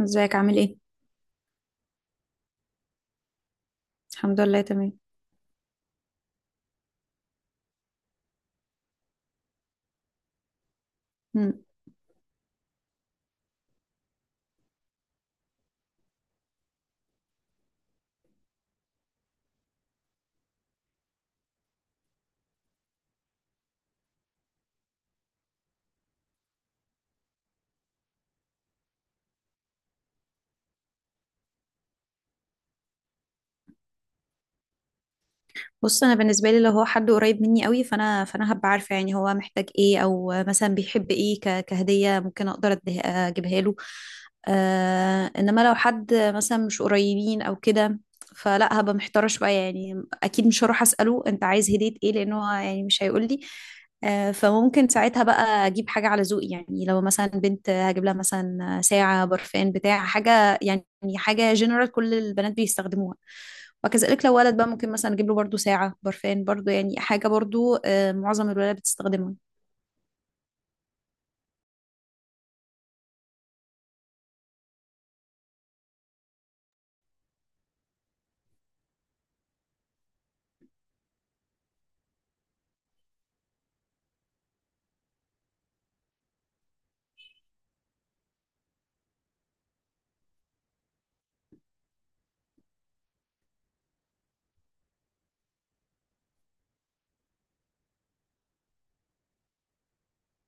ازيك؟ عامل ايه؟ الحمد لله، تمام. مم. بص، انا بالنسبه لي لو هو حد قريب مني قوي فانا هبقى عارفه يعني هو محتاج ايه، او مثلا بيحب ايه كهديه، ممكن اقدر اجيبها له. انما لو حد مثلا مش قريبين او كده، فلا هبقى محتاره شويه. يعني اكيد مش هروح اساله انت عايز هديه ايه، لانه هو يعني مش هيقول لي. فممكن ساعتها بقى اجيب حاجه على ذوقي. يعني لو مثلا بنت هجيب لها مثلا ساعه، برفان، بتاع حاجه يعني، حاجه جنرال كل البنات بيستخدموها. وكذلك لو ولد بقى ممكن مثلا اجيب له برضو ساعة، برفان برضو، يعني حاجة برضو، معظم الولاد بتستخدمها.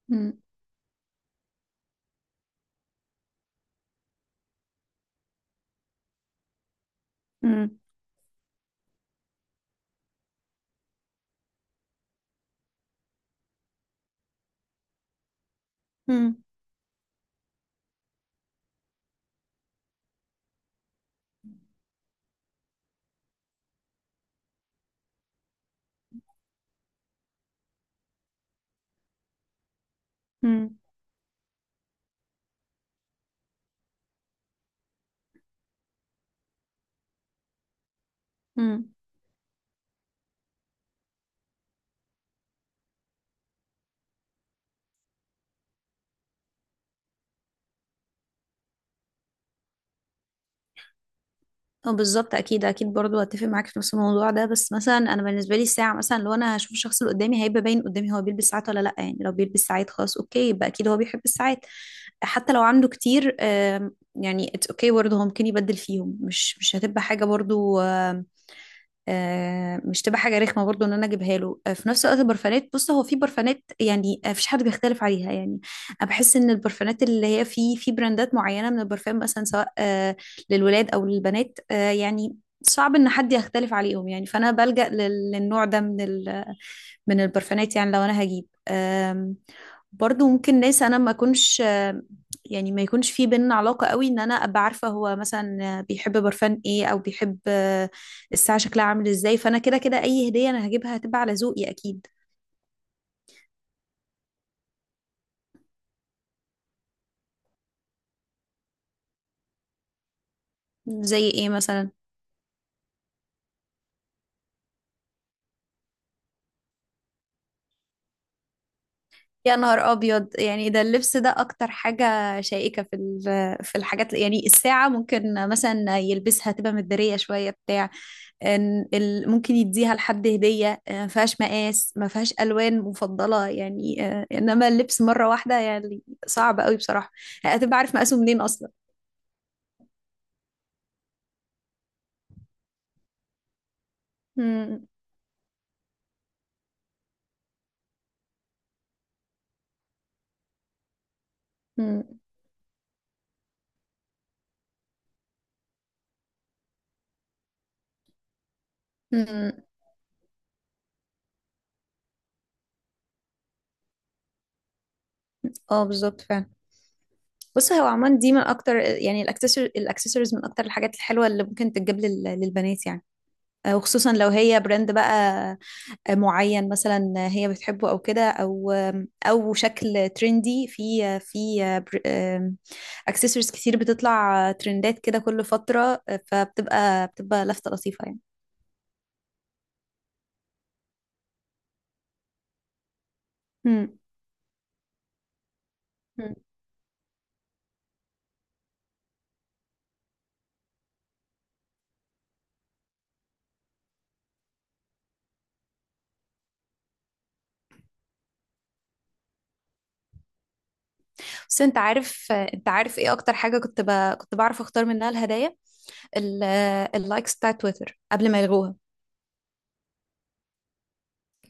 مم. مم. مم. مم. اه، بالظبط. اكيد اكيد، برضو هتفق معاك في نفس الموضوع ده. بس مثلا انا بالنسبه لي الساعه، مثلا لو انا هشوف الشخص اللي قدامي هيبقى باين قدامي هو بيلبس ساعات ولا لا. يعني لو بيلبس ساعات خلاص اوكي، يبقى اكيد هو بيحب الساعات. حتى لو عنده كتير، يعني اتس اوكي برضه، هو ممكن يبدل فيهم، مش هتبقى حاجه برضو، مش تبقى حاجه رخمه برضو ان انا اجيبها له. في نفس الوقت البرفانات، بص هو في برفانات يعني، مفيش حد بيختلف عليها. يعني انا بحس ان البرفانات اللي هي في براندات معينه من البرفان مثلا، سواء للولاد أو للبنات، يعني صعب إن حد يختلف عليهم. يعني فأنا بلجأ للنوع ده من البرفانات. يعني لو أنا هجيب، برضو ممكن ناس أنا ما أكونش، يعني ما يكونش في بيننا علاقة قوي، إن أنا أبقى عارفة هو مثلا بيحب برفان إيه أو بيحب الساعة شكلها عامل إزاي. فأنا كده كده أي هدية أنا هجيبها هتبقى على ذوقي أكيد. زي إيه مثلا؟ يا نهار ابيض! يعني ده اللبس ده اكتر حاجه شائكه في الحاجات. يعني الساعه ممكن مثلا يلبسها، تبقى مداريه شويه بتاع. إن ممكن يديها لحد هديه، ما فيهاش مقاس، ما فيهاش الوان مفضله يعني. انما اللبس مره واحده يعني، صعب قوي بصراحه. هتبقى عارف مقاسه منين اصلا؟ مم. مم. مم. اه، بالظبط فعلا. بص هو عمان دي من اكتر يعني، الاكسسوارز من اكتر الحاجات الحلوه اللي ممكن تتجاب للبنات يعني. وخصوصا لو هي براند بقى معين مثلا، هي بتحبه او كده، او او شكل ترندي في آه، في آه، بر- آم، اكسسوارز كتير بتطلع، ترندات كده كل فترة. فبتبقى لفتة لطيفة يعني. مم. مم. بس انت عارف، انت عارف ايه اكتر حاجة كنت بعرف اختار منها الهدايا؟ اللايكس بتاع تويتر قبل ما يلغوها.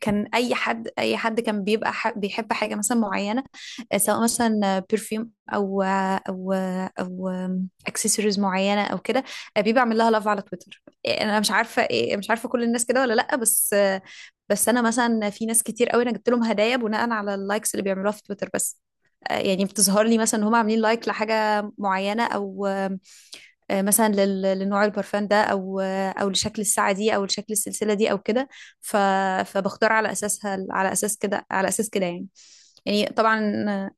كان اي حد كان بيبقى بيحب حاجه مثلا معينه، سواء مثلا برفيوم او اكسسوارز معينه او كده، بيبقى عامل لها لاف على تويتر. انا مش عارفه إيه، مش عارفه كل الناس كده ولا لا، بس بس انا مثلا في ناس كتير قوي انا جبت لهم هدايا بناء على اللايكس اللي بيعملوها في تويتر بس. يعني بتظهر لي مثلا ان هم عاملين لايك لحاجه معينه، او مثلا لنوع البرفان ده، او او لشكل الساعه دي، او لشكل السلسله دي، او كده. ف- فبختار على اساسها، على اساس كده، على اساس كده يعني، يعني طبعا.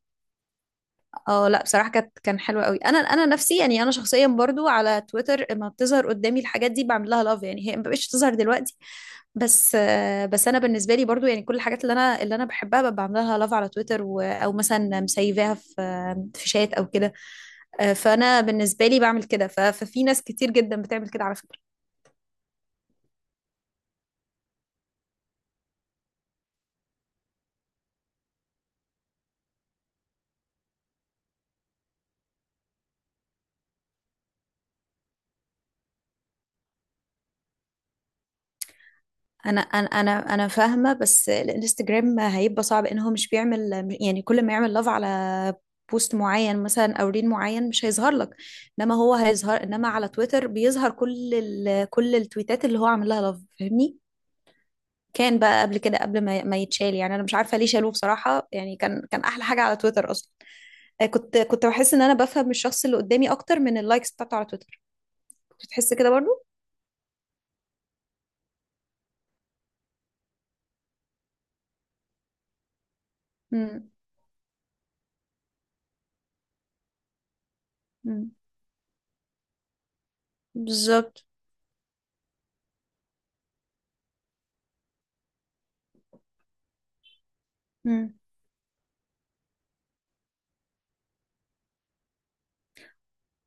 اه لا، بصراحة كان حلو قوي. انا نفسي يعني، انا شخصيا برضو على تويتر لما بتظهر قدامي الحاجات دي بعمل لها لاف، يعني هي ما بقتش تظهر دلوقتي بس. بس انا بالنسبة لي برضو يعني كل الحاجات اللي انا بحبها ببقى بعمل لها لاف على تويتر، او مثلا مسيفاها في شات او كده. فانا بالنسبة لي بعمل كده، ففي ناس كتير جدا بتعمل كده على فكرة. انا فاهمه، بس الانستجرام هيبقى صعب ان هو مش بيعمل. يعني كل ما يعمل لاف على بوست معين مثلا او ريل معين مش هيظهر لك، انما هو هيظهر. انما على تويتر بيظهر كل التويتات اللي هو عامل لها لاف، فاهمني؟ كان بقى قبل كده قبل ما يتشال يعني. انا مش عارفه ليه شالوه بصراحه، يعني كان احلى حاجه على تويتر اصلا. كنت بحس ان انا بفهم الشخص اللي قدامي اكتر من اللايكس بتاعته على تويتر. كنت بتحس كده برضو؟ امم. بالظبط.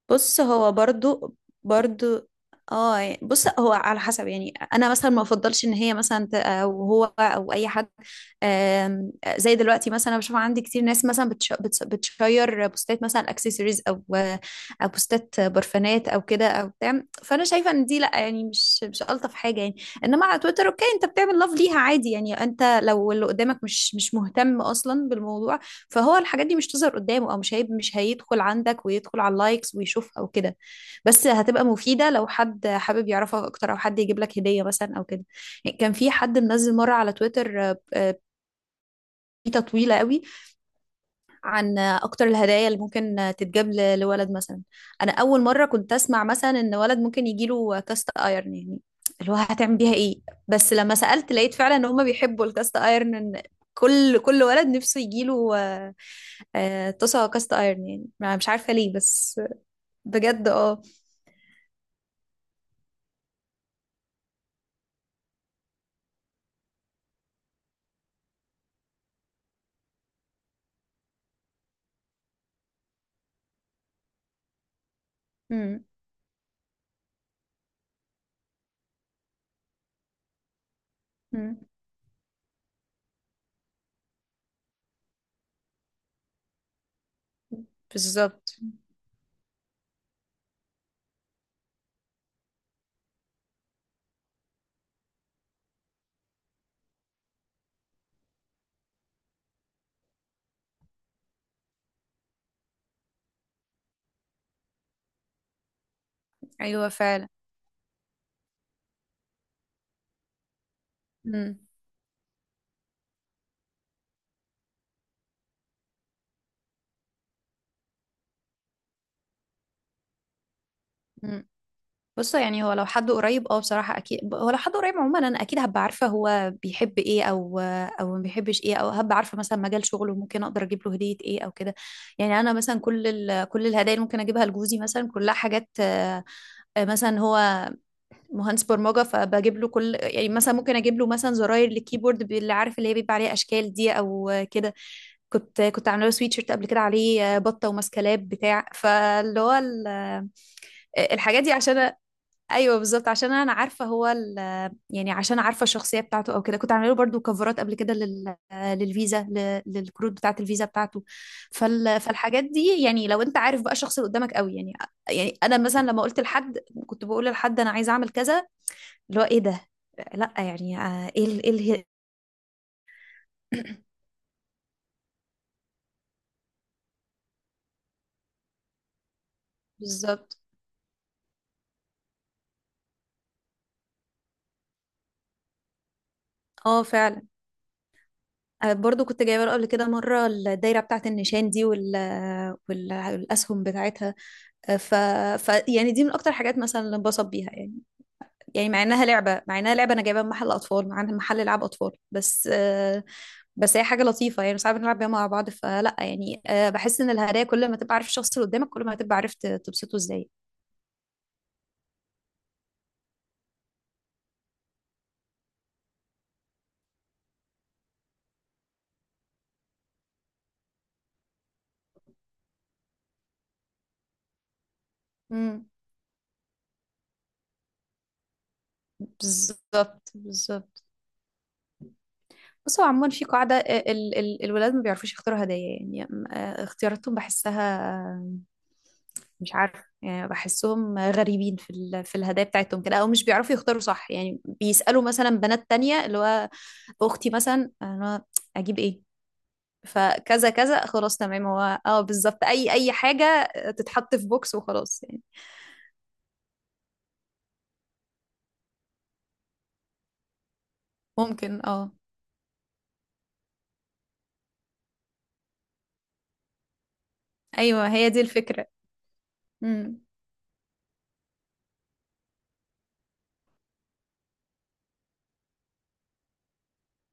بص هو برضو، برضو اه، بص هو على حسب. يعني انا مثلا ما افضلش ان هي مثلا او هو او اي حد، زي دلوقتي مثلا، أنا بشوف عندي كتير ناس مثلا بتشير بوستات مثلا اكسسوارز، او بوستات برفانات، او كده او بتاع. فانا شايفه ان دي لا يعني، مش الطف حاجه يعني. انما على تويتر اوكي، انت بتعمل لاف ليها عادي يعني. انت لو اللي قدامك مش مهتم اصلا بالموضوع، فهو الحاجات دي مش تظهر قدامه، او مش هيدخل عندك ويدخل على اللايكس ويشوف او كده. بس هتبقى مفيدة لو حد حابب يعرفك اكتر، او حد يجيب لك هدية مثلا او كده. يعني كان في حد منزل مرة على تويتر، بيتا طويلة قوي، عن اكتر الهدايا اللي ممكن تتجاب لولد مثلا. انا اول مرة كنت اسمع مثلا ان ولد ممكن يجيله كاست ايرن يعني. اللي هو هتعمل بيها ايه؟ بس لما سألت لقيت فعلا ان هما بيحبوا الكاست ايرن، إن كل ولد نفسه يجيله طاسة كاست ايرن يعني. مش عارفة ليه بس. بجد، اه. مم، مم، بالظبط. ايوه فعلا. مم، مم. بصوا. يعني هو لو حد قريب اه بصراحة، اكيد هو لو حد قريب عموما انا اكيد هبقى عارفة هو بيحب ايه، او او ما بيحبش ايه، او هبقى عارفة مثلا مجال شغله، ممكن اقدر اجيب له هدية ايه او كده. يعني انا مثلا كل الهدايا اللي ممكن اجيبها لجوزي مثلا كلها حاجات، مثلا هو مهندس برمجه، فبجيب له كل، يعني مثلا ممكن اجيب له مثلا زراير للكيبورد، اللي عارف اللي هي بيبقى عليها اشكال دي او كده. كنت عامله له سويتشيرت قبل كده عليه بطه وماسكلاب بتاع، فاللي هو الحاجات دي عشان ايوه بالظبط، عشان انا عارفه هو يعني عشان عارفه الشخصيه بتاعته او كده. كنت عامله له برضو كفرات قبل كده للفيزا، للكروت بتاعه الفيزا بتاعته. فالحاجات دي يعني لو انت عارف بقى الشخص اللي قدامك قوي يعني. يعني انا مثلا لما قلت لحد، كنت بقول لحد انا عايزه اعمل كذا، اللي هو ايه ده؟ لا يعني ايه ايه بالظبط. اه فعلا. برضو كنت جايبه له قبل كده مره الدايره بتاعه النشان دي، والاسهم بتاعتها. ف... ف يعني دي من اكتر حاجات مثلا اللي انبسط بيها يعني. يعني مع انها لعبه انا جايبها من محل اطفال، مع انها محل العاب اطفال بس. بس هي حاجه لطيفه يعني، ساعات بنلعب بيها مع بعض. فلا يعني، بحس ان الهدايا كل ما تبقى عارف الشخص اللي قدامك كل ما هتبقى عارف تبسطه ازاي. امم، بالظبط بالظبط. بص هو عموما في قاعدة، ال ال الولاد ما بيعرفوش يختاروا هدايا يعني. اختياراتهم بحسها، آه، مش عارفة يعني بحسهم غريبين في الهدايا بتاعتهم كده، أو مش بيعرفوا يختاروا صح. يعني بيسألوا مثلا بنات تانية، اللي هو أختي مثلا أنا أجيب إيه؟ فكذا كذا، خلاص تمام، هو اه بالظبط، أي حاجة تتحط في بوكس وخلاص يعني. ممكن، اه. أيوه، هي دي الفكرة. مم.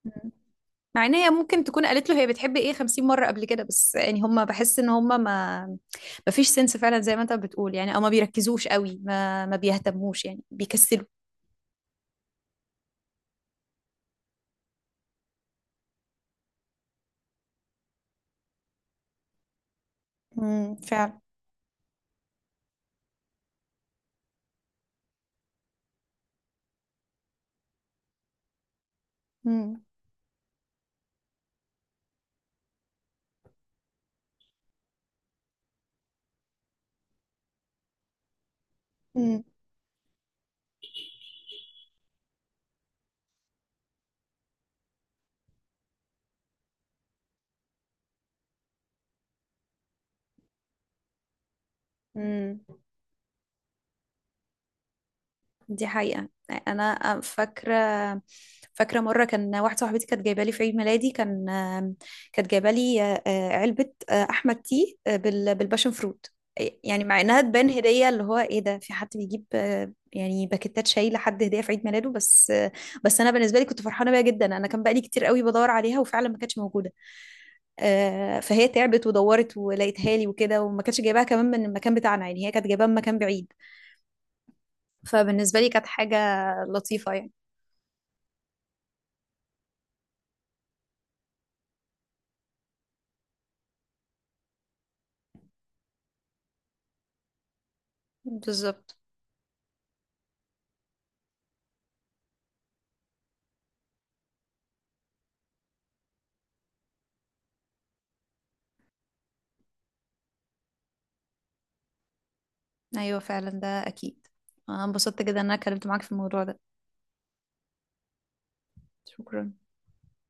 مم. مع ان هي ممكن تكون قالت له هي بتحب ايه 50 مرة قبل كده. بس يعني هم، بحس ان هم ما فيش سنس فعلا زي ما انت بتقول يعني، او ما بيركزوش قوي، ما بيهتموش يعني، بيكسلوا. امم، فعلا. مم. امم. مم. دي حقيقة. أنا فاكرة مرة كان واحدة صاحبتي كانت جايبة لي في عيد ميلادي، كانت جايبة لي علبة، أحمد تي، بالباشن فروت. إيه، يعني مع إنها تبان هدية، اللي هو إيه ده في حد بيجيب، يعني باكيتات شاي لحد هدية في عيد ميلاده؟ بس بس أنا بالنسبة لي كنت فرحانة بيها جدا، أنا كان بقالي كتير قوي بدور عليها وفعلا ما كانتش موجودة. فهي تعبت ودورت ولقيتها لي وكده، وما كانتش جايباها كمان من المكان بتاعنا، يعني هي كانت جايباها من مكان بعيد. فبالنسبة لي كانت حاجة لطيفة يعني. بالظبط. أيوة فعلا، ده أكيد. أنا انبسطت جدا إن أنا اتكلمت معاك في الموضوع ده. شكرا.